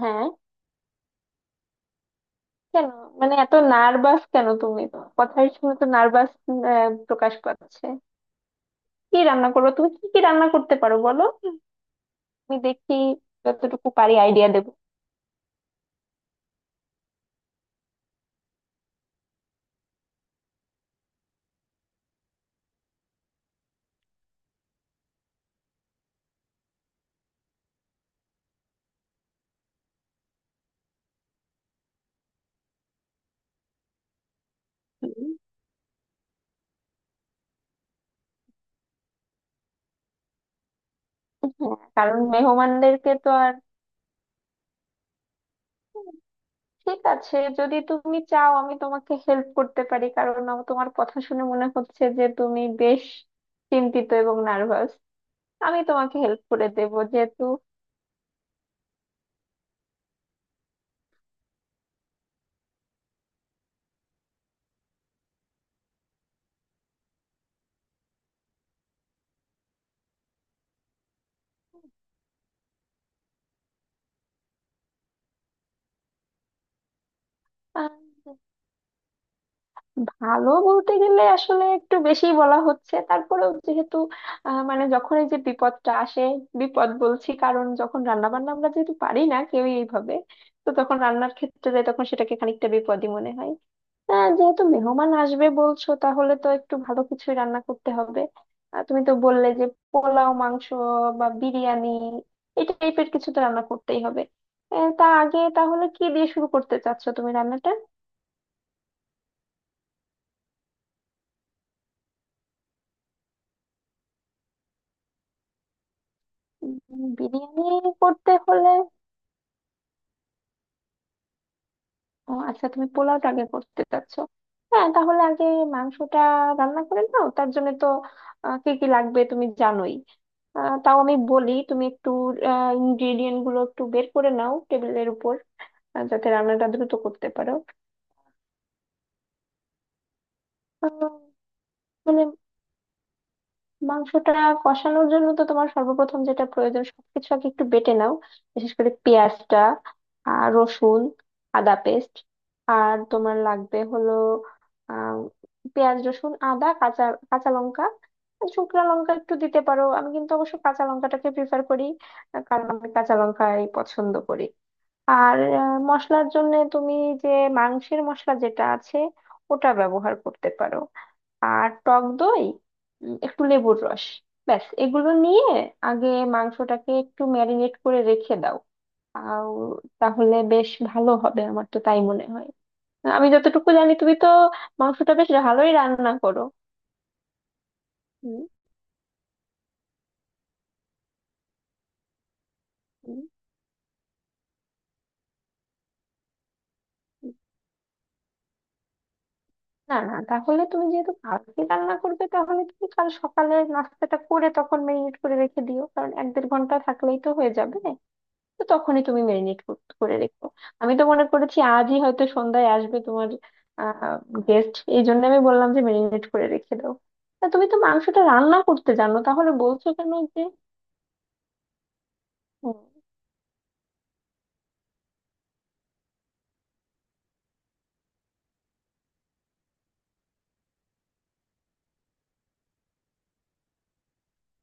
হ্যাঁ, কেন? মানে এত নার্ভাস কেন? তুমি তো কথার শুনে তো নার্ভাস প্রকাশ পাচ্ছে। কি রান্না করবো? তুমি কি কি রান্না করতে পারো বলো। আমি দেখি যতটুকু পারি আইডিয়া দেবো। হুম। হ্যাঁ, কারণ মেহমানদেরকে তো আর ঠিক আছে, যদি তুমি চাও আমি তোমাকে হেল্প করতে পারি, কারণ আমার তোমার কথা শুনে মনে হচ্ছে যে তুমি বেশ চিন্তিত এবং নার্ভাস। আমি তোমাকে হেল্প করে দেব যেহেতু। ভালো বলতে গেলে আসলে একটু বেশি বলা হচ্ছে। তারপরেও যেহেতু মানে যখন এই যে বিপদটা আসে, বিপদ বলছি কারণ যখন রান্না বান্না আমরা যেহেতু পারি না কেউই এইভাবে, তো তখন রান্নার ক্ষেত্রে যাই তখন সেটাকে খানিকটা বিপদই মনে হয়। যেহেতু মেহমান আসবে বলছো, তাহলে তো একটু ভালো কিছুই রান্না করতে হবে। তুমি তো বললে যে পোলাও মাংস বা বিরিয়ানি এই টাইপের কিছু তো রান্না করতেই হবে। তা আগে তাহলে কি দিয়ে শুরু করতে চাচ্ছো তুমি রান্নাটা? উম, বিরিয়ানি করতে হলে ও আচ্ছা, তুমি পোলাওটা আগে করতে চাচ্ছো? হ্যাঁ, তাহলে আগে মাংসটা রান্না করে নাও, তার জন্য তো কি কি লাগবে তুমি জানোই। তাও আমি বলি, তুমি একটু ইনগ্রিডিয়েন্ট গুলো একটু বের করে নাও টেবিলের উপর, যাতে রান্নাটা দ্রুত করতে পারো। আহ, মানে মাংসটা কষানোর জন্য তো তোমার সর্বপ্রথম যেটা প্রয়োজন সবকিছু আগে একটু বেটে নাও, বিশেষ করে পেঁয়াজটা, আর রসুন, আদা পেস্ট। আর তোমার লাগবে হলো আহ পেঁয়াজ, রসুন, আদা, কাঁচা কাঁচা লঙ্কা। শুকনো লঙ্কা একটু দিতে পারো, আমি কিন্তু অবশ্য কাঁচা লঙ্কাটাকে প্রিফার করি, কারণ আমি কাঁচা লঙ্কাই পছন্দ করি। আর মশলার জন্য তুমি যে মাংসের মশলা যেটা আছে ওটা ব্যবহার করতে পারো, আর টক দই, একটু লেবুর রস। ব্যাস, এগুলো নিয়ে আগে মাংসটাকে একটু ম্যারিনেট করে রেখে দাও। আও, তাহলে বেশ ভালো হবে, আমার তো তাই মনে হয়। আমি যতটুকু জানি তুমি তো মাংসটা বেশ ভালোই রান্না করো। হুম। হুম। হুম। না না, তাহলে তুমি যেহেতু কালকে রান্না করবে, তাহলে তুমি কাল সকালে নাস্তাটা করে তখন ম্যারিনেট করে রেখে দিও, কারণ 1-1.5 ঘন্টা থাকলেই তো হয়ে যাবে। তো তখনই তুমি মেরিনেট করে রেখো। আমি তো মনে করেছি আজই হয়তো সন্ধ্যায় আসবে তোমার আহ গেস্ট, এই জন্য আমি বললাম যে মেরিনেট করে রেখে দাও। তা তুমি তো মাংসটা রান্না করতে জানো, তাহলে বলছো কেন যে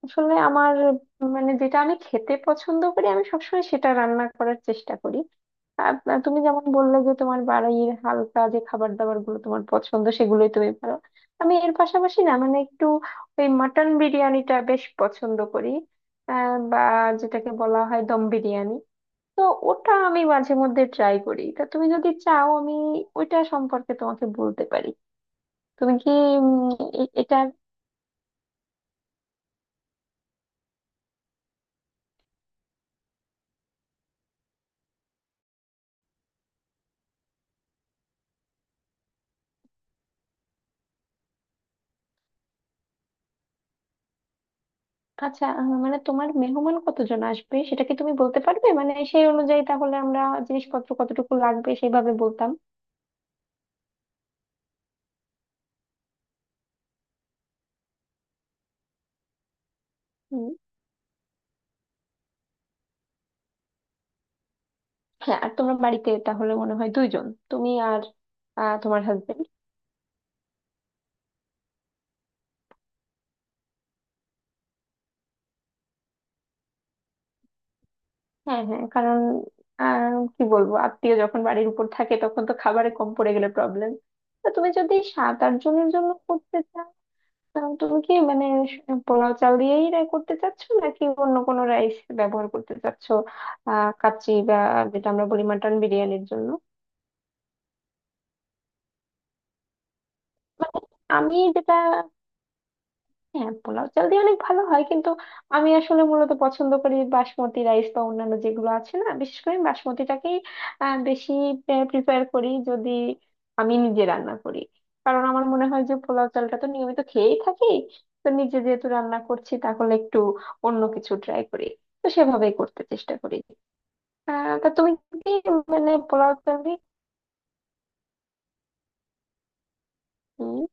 আসলে আমার মানে যেটা আমি খেতে পছন্দ করি আমি সবসময় সেটা রান্না করার চেষ্টা করি। আর তুমি যেমন বললে যে তোমার বাড়ির হালকা যে খাবার দাবার গুলো তোমার পছন্দ সেগুলোই তুমি পারো। আমি এর পাশাপাশি না মানে একটু ওই মাটন বিরিয়ানিটা বেশ পছন্দ করি, বা যেটাকে বলা হয় দম বিরিয়ানি, তো ওটা আমি মাঝে মধ্যে ট্রাই করি। তা তুমি যদি চাও আমি ওইটা সম্পর্কে তোমাকে বলতে পারি। তুমি কি উম, এটা আচ্ছা, মানে তোমার মেহমান কতজন আসবে সেটা কি তুমি বলতে পারবে? মানে সেই অনুযায়ী তাহলে আমরা জিনিসপত্র কতটুকু লাগবে সেইভাবে বলতাম। হুম। হ্যাঁ, আর তোমরা বাড়িতে তাহলে মনে হয় দুইজন, তুমি আর তোমার হাজবেন্ড। হ্যাঁ হ্যাঁ, কারণ কি বলবো, আত্মীয় যখন বাড়ির উপর থাকে তখন তো খাবারে কম পড়ে গেলে প্রবলেম। তো তুমি যদি 7-8 জনের জন্য করতে চাও তুমি কি মানে স- পোলাও চাল দিয়েই রাই করতে চাচ্ছ নাকি অন্য কোনো রাইস ব্যবহার করতে চাচ্ছ? কাচ্চি বা যেটা আমরা বলি মাটন বিরিয়ানির জন্য। মানে আমি যেটা হ্যাঁ, পোলাও চাল দিয়ে অনেক ভালো হয়, কিন্তু আমি আসলে মূলত পছন্দ করি বাসমতি রাইস বা অন্যান্য যেগুলো আছে, না বিশেষ করে আমি বাসমতিটাকেই বেশি প্রিপেয়ার করি যদি আমি নিজে রান্না করি, কারণ আমার মনে হয় যে পোলাও চালটা তো নিয়মিত খেয়েই থাকি, তো নিজে যেহেতু রান্না করছি তাহলে একটু অন্য কিছু ট্রাই করি, তো সেভাবেই করতে চেষ্টা করি। তা তুমি কি মানে পোলাও চাল দিয়ে উম,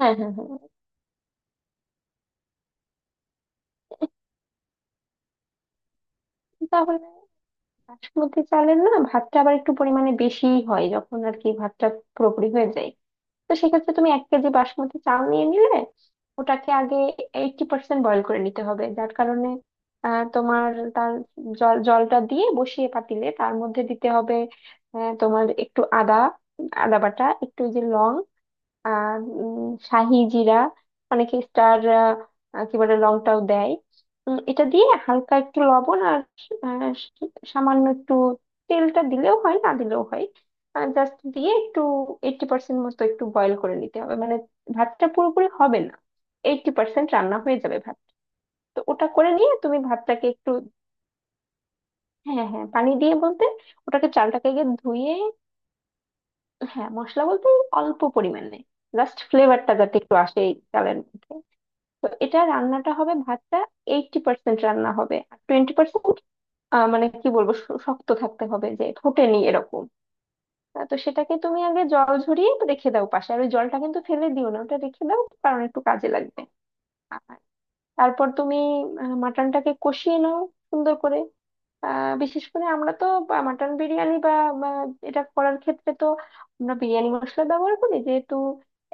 হ্যাঁ হ্যাঁ হ্যাঁ। তাহলে বাসমতি চালের না, ভাতটা আবার একটু পরিমাণে বেশি হয় যখন আর কি, ভাতটা পুরোপুরি হয়ে যায়। তো সেক্ষেত্রে তুমি 1 কেজি বাসমতি চাল নিয়ে নিলে ওটাকে আগে 80% বয়ল করে নিতে হবে, যার কারণে তোমার তার জলটা দিয়ে বসিয়ে পাতিলে তার মধ্যে দিতে হবে। তোমার একটু আদা আদা বাটা, একটু ওই যে লং, আহ উম, শাহি জিরা, অনেকে স্টার কি বলে, লংটাও দেয়। এটা দিয়ে হালকা একটু লবণ আর আহ, সামান্য একটু তেলটা দিলেও হয় না দিলেও হয়, জাস্ট দিয়ে একটু 80% মতো একটু বয়েল করে নিতে হবে, মানে ভাতটা পুরোপুরি হবে না, 80% রান্না হয়ে যাবে ভাত। তো ওটা করে নিয়ে তুমি ভাতটাকে একটু হ্যাঁ হ্যাঁ, পানি দিয়ে বলতে, ওটাকে চালটাকে আগে ধুয়ে হ্যাঁ, মশলা বলতে অল্প পরিমাণে জাস্ট ফ্লেভারটা যাতে একটু আসে এই চালের মধ্যে। তো এটা রান্নাটা হবে ভাতটা 80% রান্না হবে, আর 20% মানে কি বলবো শক্ত থাকতে হবে, যে ফোটেনি এরকম। তো সেটাকে তুমি আগে জল ঝরিয়ে রেখে দাও পাশে, আর ওই জলটা কিন্তু ফেলে দিও না, ওটা রেখে দাও কারণ একটু কাজে লাগবে। আর তারপর তুমি মাটনটাকে কষিয়ে নাও সুন্দর করে। বিশেষ করে আমরা তো মাটন বিরিয়ানি বা বা এটা করার ক্ষেত্রে তো আমরা বিরিয়ানি মশলা ব্যবহার করি যেহেতু।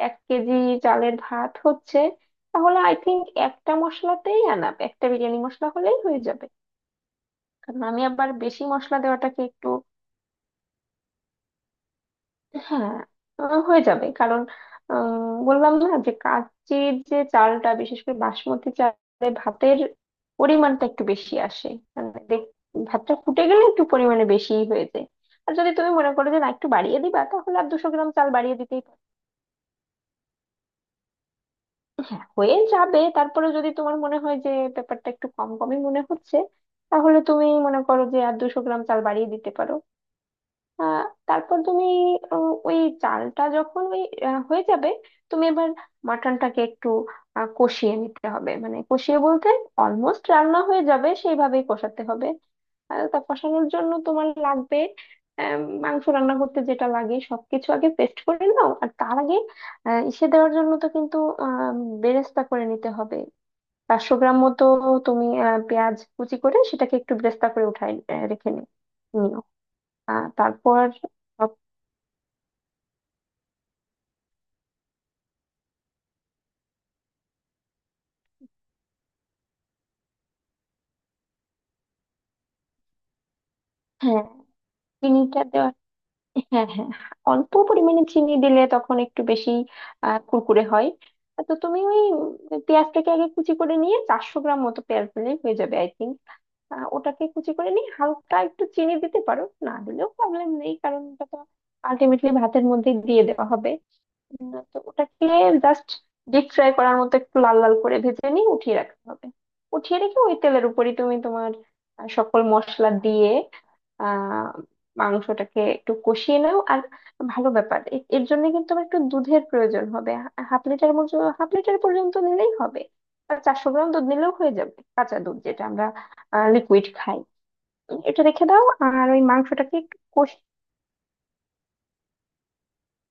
1 কেজি চালের ভাত হচ্ছে, তাহলে আই থিঙ্ক একটা মশলাতেই আনাপ একটা বিরিয়ানি মশলা হলেই হয়ে যাবে, কারণ আমি আবার বেশি মশলা দেওয়াটাকে একটু হ্যাঁ, হয়ে যাবে কারণ আহ, বললাম না যে কাচির যে চালটা, বিশেষ করে বাসমতি চালে ভাতের পরিমাণটা একটু বেশি আসে। মানে ভাতটা ফুটে গেলে একটু পরিমাণে বেশি হয়ে যায়। আর যদি তুমি মনে করো যে না একটু বাড়িয়ে দিবা, তাহলে আর 200 গ্রাম চাল বাড়িয়ে দিতেই পারো। হ্যাঁ, হয়ে যাবে। তারপরে যদি তোমার মনে হয় যে ব্যাপারটা একটু কম কমই মনে হচ্ছে, তাহলে তুমি মনে করো যে আর 200 গ্রাম চাল বাড়িয়ে দিতে পারো। আহ, তারপর তুমি ওই চালটা যখন ওই হয়ে যাবে তুমি এবার মাটনটাকে একটু কষিয়ে নিতে হবে, মানে কষিয়ে বলতে অলমোস্ট রান্না হয়ে যাবে সেইভাবেই কষাতে হবে। আর তা কষানোর জন্য তোমার লাগবে আহ, মাংস রান্না করতে যেটা লাগে সবকিছু আগে পেস্ট করে নাও। আর তার আগে ইসে দেওয়ার জন্য তো কিন্তু আহ বেরেস্তা করে নিতে হবে। 400 গ্রাম মতো তুমি পেঁয়াজ কুচি করে সেটাকে একটু বেরেস্তা করে উঠাই রেখে নিও। তারপর হ্যাঁ, চিনিটা দেওয়া হ্যাঁ হ্যাঁ, অল্প পরিমাণে চিনি দিলে তখন একটু বেশি কুরকুরে হয়। তো তুমি ওই পেঁয়াজটাকে আগে কুচি করে নিয়ে 400 গ্রাম মতো পেঁয়াজ দিলেই হয়ে যাবে আই থিঙ্ক। ওটাকে কুচি করে নিয়ে হালকা একটু চিনি দিতে পারো, না দিলেও প্রবলেম নেই কারণ ওটা তো আলটিমেটলি ভাতের মধ্যে দিয়ে দেওয়া হবে। তো ওটাকে জাস্ট ডিপ ফ্রাই করার মতো একটু লাল লাল করে ভেজে নিয়ে উঠিয়ে রাখতে হবে। উঠিয়ে রেখে ওই তেলের উপরই তুমি তোমার সকল মশলা দিয়ে আহ মাংসটাকে একটু কষিয়ে নাও। আর ভালো ব্যাপার এর জন্য কিন্তু আমার একটু দুধের প্রয়োজন হবে, হাফ লিটার মতো, হাফ লিটার পর্যন্ত নিলেই হবে। আর চারশো গ্রাম দুধ নিলেও হয়ে যাবে, কাঁচা দুধ যেটা আমরা লিকুইড খাই। এটা রেখে দাও আর ওই মাংসটাকে একটু কষি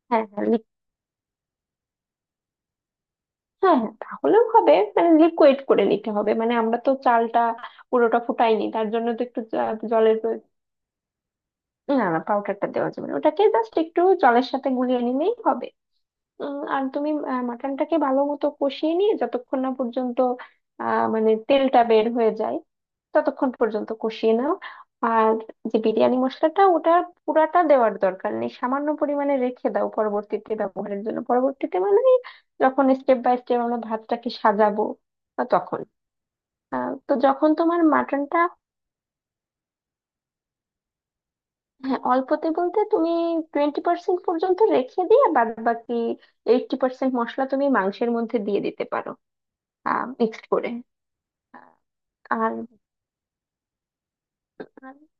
হ্যাঁ হ্যাঁ হ্যাঁ, হ্যাঁ তাহলেও হবে, মানে লিকুইড করে নিতে হবে, মানে আমরা তো চালটা পুরোটা ফুটাইনি তার জন্য তো একটু জলের প্রয়োজন। না না, পাউডারটা দেওয়া যাবে না। ওটাকে জাস্ট একটু জলের সাথে গুলিয়ে নিলেই হবে। আর তুমি মাটনটাকে ভালো মতো কষিয়ে নিয়ে যতক্ষণ না পর্যন্ত মানে তেলটা বের হয়ে যায় ততক্ষণ পর্যন্ত কষিয়ে নাও। আর যে বিরিয়ানি মশলাটা ওটা পুরাটা দেওয়ার দরকার নেই, সামান্য পরিমাণে রেখে দাও পরবর্তীতে ব্যবহারের জন্য, পরবর্তীতে মানে যখন স্টেপ বাই স্টেপ আমরা ভাতটাকে সাজাবো তখন তো যখন তোমার মাটনটা হ্যাঁ, অল্পতে বলতে তুমি 20% পর্যন্ত রেখে দিয়ে বাদ বাকি 80% মশলা তুমি মাংসের মধ্যে দিয়ে দিতে পারো মিক্সড করে আহ, আর আর-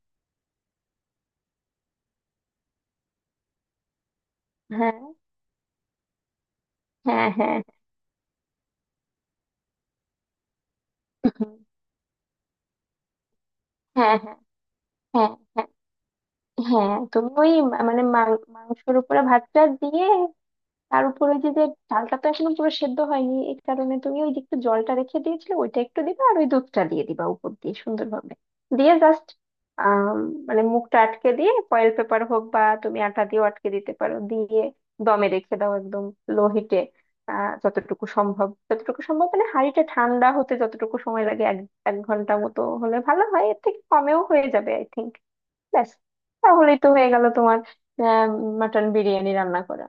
হ্যাঁ হ্যাঁ হ্যাঁ, হ্যাঁ হ্যাঁ হ্যাঁ, হ্যাঁ হ্যাঁ, তুমি ওই মানে মাংসের উপরে ভাতটা দিয়ে তার উপরে যে যে চালটা তো এখনো পুরো সেদ্ধ হয়নি এই কারণে তুমি ওই যে একটু জলটা রেখে দিয়েছিলে ওইটা একটু দিবা, আর ওই দুধটা দিয়ে দিবা উপর দিয়ে সুন্দরভাবে দিয়ে জাস্ট আহ মানে মুখটা আটকে দিয়ে ফয়েল পেপার হোক বা তুমি আটা দিয়েও আটকে দিতে পারো দিয়ে দমে রেখে দাও একদম লো হিটে। যতটুকু সম্ভব যতটুকু সম্ভব মানে হাঁড়িটা ঠান্ডা হতে যতটুকু সময় লাগে এক 1 ঘন্টা মতো হলে ভালো হয়, এর থেকে কমেও হয়ে যাবে আই থিঙ্ক। ব্যাস, তাহলেই তো হয়ে গেল তোমার মাটন বিরিয়ানি রান্না করা।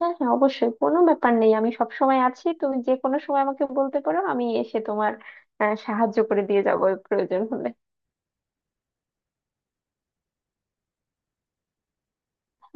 হ্যাঁ হ্যাঁ, অবশ্যই কোনো ব্যাপার নেই, আমি সব সময় আছি তুমি যে কোনো সময় আমাকে বলতে পারো, আমি এসে তোমার সাহায্য করে দিয়ে যাবো প্রয়োজন হলে।